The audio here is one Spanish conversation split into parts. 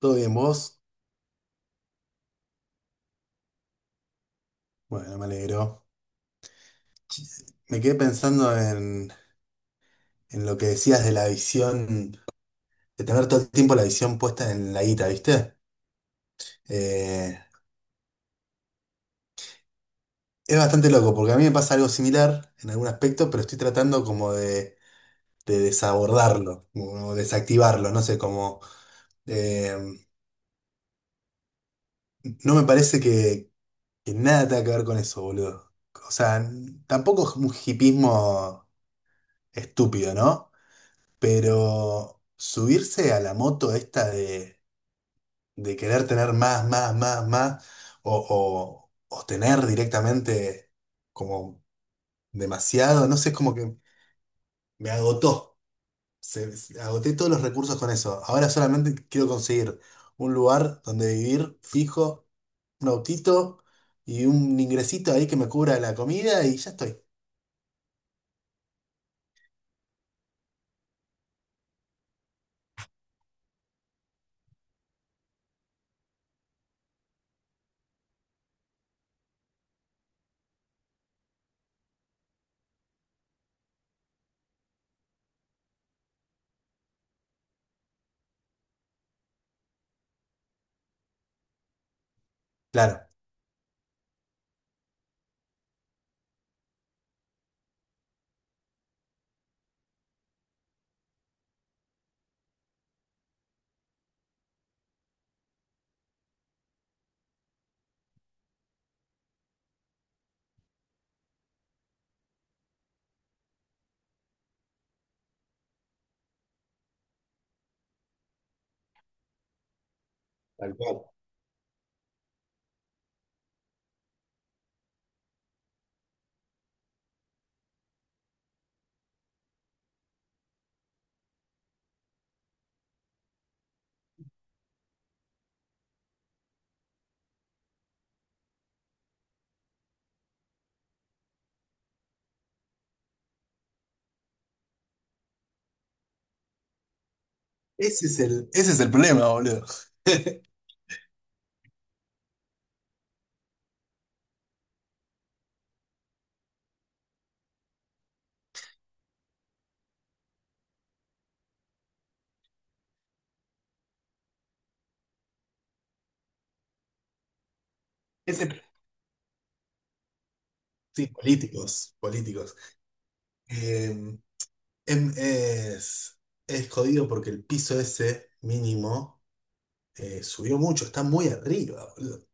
¿Todo bien vos? Bueno, me alegro. Me quedé pensando en lo que decías de la visión, de tener todo el tiempo la visión puesta en la guita, ¿viste? Eh, es bastante loco, porque a mí me pasa algo similar en algún aspecto, pero estoy tratando como de desabordarlo, como desactivarlo, no sé, como... eh, no me parece que nada tenga que ver con eso, boludo. O sea, tampoco es un hipismo estúpido, ¿no? Pero subirse a la moto esta de querer tener más, más, más, más, o, o, o tener directamente como demasiado, no sé, es como que me agotó. Agoté todos los recursos con eso. Ahora solamente quiero conseguir un lugar donde vivir fijo, un autito y un ingresito ahí que me cubra la comida y ya estoy. Claro. Tal cual. Ese es el problema, boludo. Ese, sí, políticos, políticos. Eh, em- es, es jodido porque el piso ese mínimo subió mucho, está muy arriba, boludo.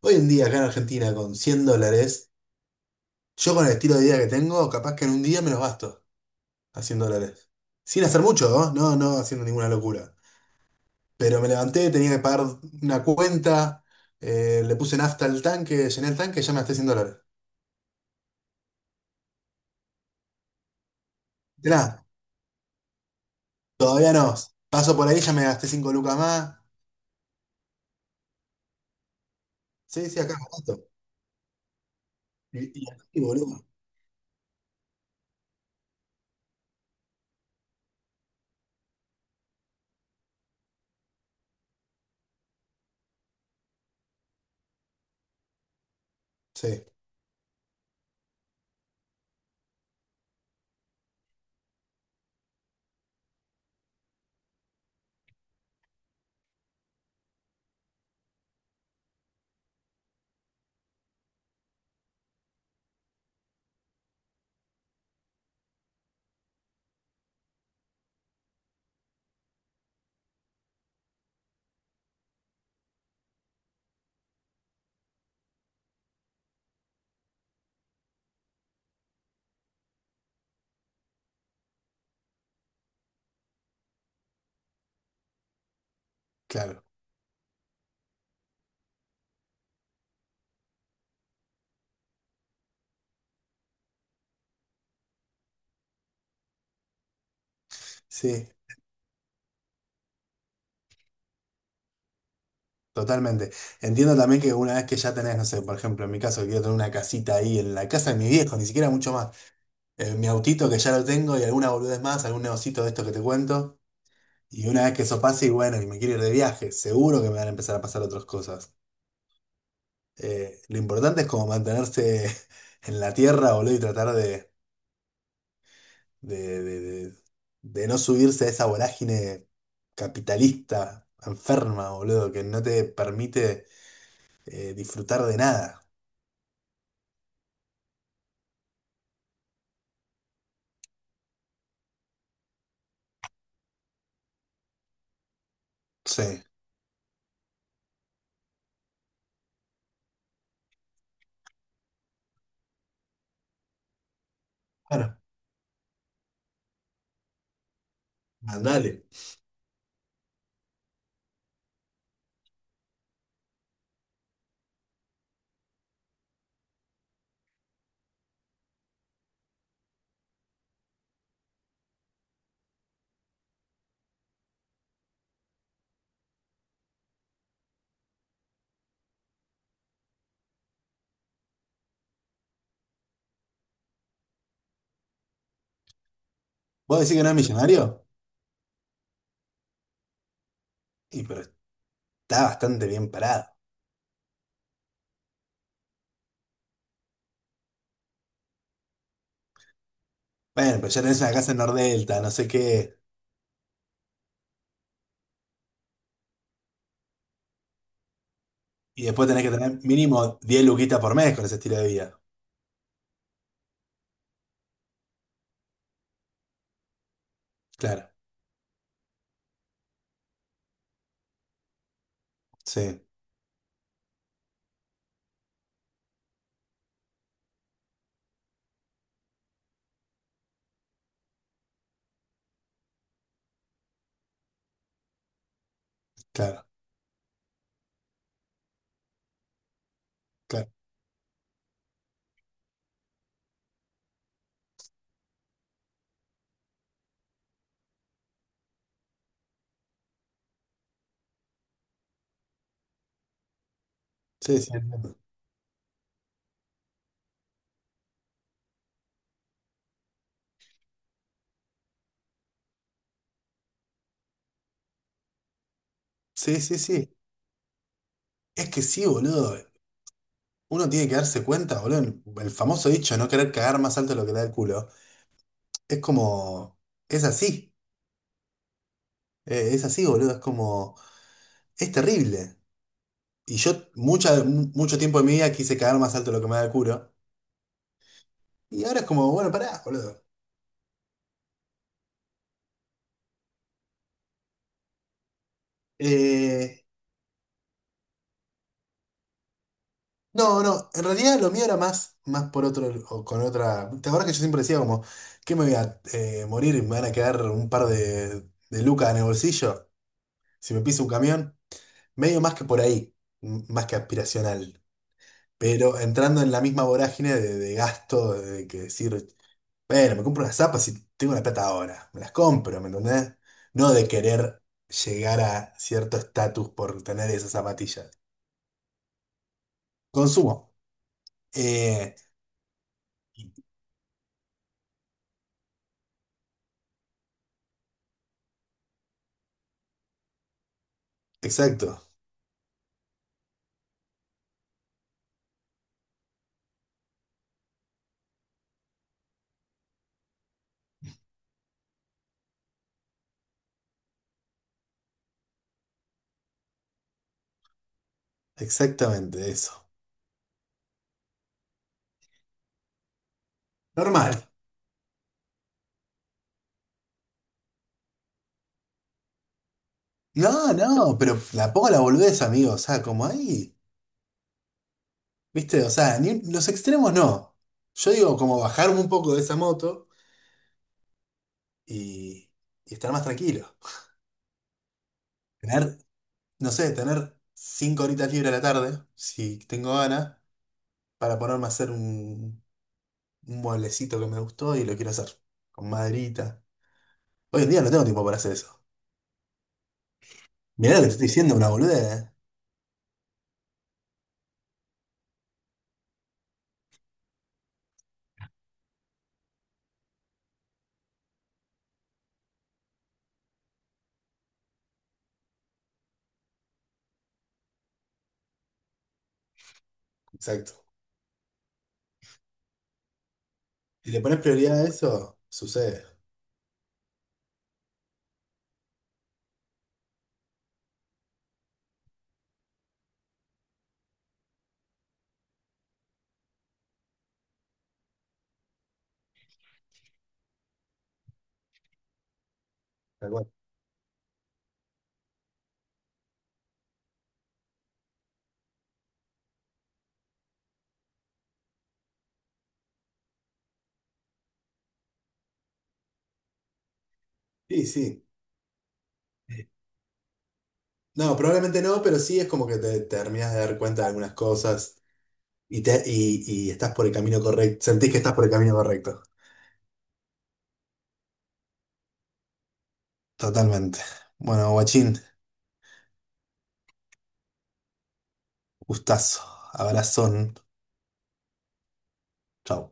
Hoy en día acá en Argentina con US$100, yo con el estilo de vida que tengo, capaz que en un día me los gasto a US$100. Sin hacer mucho, ¿no? No, no haciendo ninguna locura. Pero me levanté, tenía que pagar una cuenta, le puse nafta al tanque, llené el tanque, ya me gasté US$100. De nada, todavía no. Paso por ahí, ya me gasté 5 lucas más. Sí, sí, acá me gasto. Y así, boludo. Sí, claro, sí, totalmente. Entiendo también que una vez que ya tenés, no sé, por ejemplo, en mi caso, quiero tener una casita ahí en la casa de mi viejo, ni siquiera mucho más. Mi autito que ya lo tengo y alguna boludez más, algún negocito de esto que te cuento. Y una vez que eso pase, y bueno, y me quiero ir de viaje, seguro que me van a empezar a pasar otras cosas. Lo importante es como mantenerse en la tierra, boludo, y tratar de, de, de, de no subirse a esa vorágine capitalista, enferma, boludo, que no te permite disfrutar de nada. Sí, claro, mandale. ¿Vos decís que no es millonario? Y pero está bastante bien parado. Bueno, pero ya tenés una casa en Nordelta, no sé qué. Y después tenés que tener mínimo 10 luquitas por mes con ese estilo de vida. Claro, sí, claro, claro. Sí, sí, entiendo. Sí, sí, sí. Es que sí, boludo. Uno tiene que darse cuenta, boludo. El famoso dicho, no querer cagar más alto de lo que da el culo. Es como... es así. Es así, boludo. Es como... es terrible. Y yo mucho tiempo de mi vida quise caer más alto de lo que me da el culo. Y ahora es como, bueno, pará, boludo. Eh, no, no, en realidad lo mío era más por otro, o con otra. ¿Te acuerdas que yo siempre decía como, que me voy a morir y me van a quedar un par de lucas en el bolsillo si me piso un camión? Medio más que por ahí, más que aspiracional. Pero entrando en la misma vorágine de gasto, de que decir, bueno, me compro unas zapas si tengo la plata ahora. Me las compro, ¿me entendés? No de querer llegar a cierto estatus por tener esas zapatillas. Consumo. Eh, exacto, exactamente eso. Normal. No, no, pero la pongo la boludez, amigo. O sea, como ahí. ¿Viste? O sea, los extremos no. Yo digo, como bajarme un poco de esa moto y, y estar más tranquilo. Tener, no sé, tener 5 horitas libres a la tarde, si tengo ganas para ponerme a hacer un mueblecito que me gustó y lo quiero hacer con maderita. Hoy en día no tengo tiempo para hacer eso. Mirá lo que te estoy diciendo, una boludez, ¿eh? Exacto. Si le pones prioridad a eso, sucede. Tal cual. Sí, sí. No, probablemente no, pero sí es como terminas de dar cuenta de algunas cosas y estás por el camino correcto. Sentís que estás por el camino correcto. Totalmente. Bueno, guachín, gustazo, abrazón. Chau.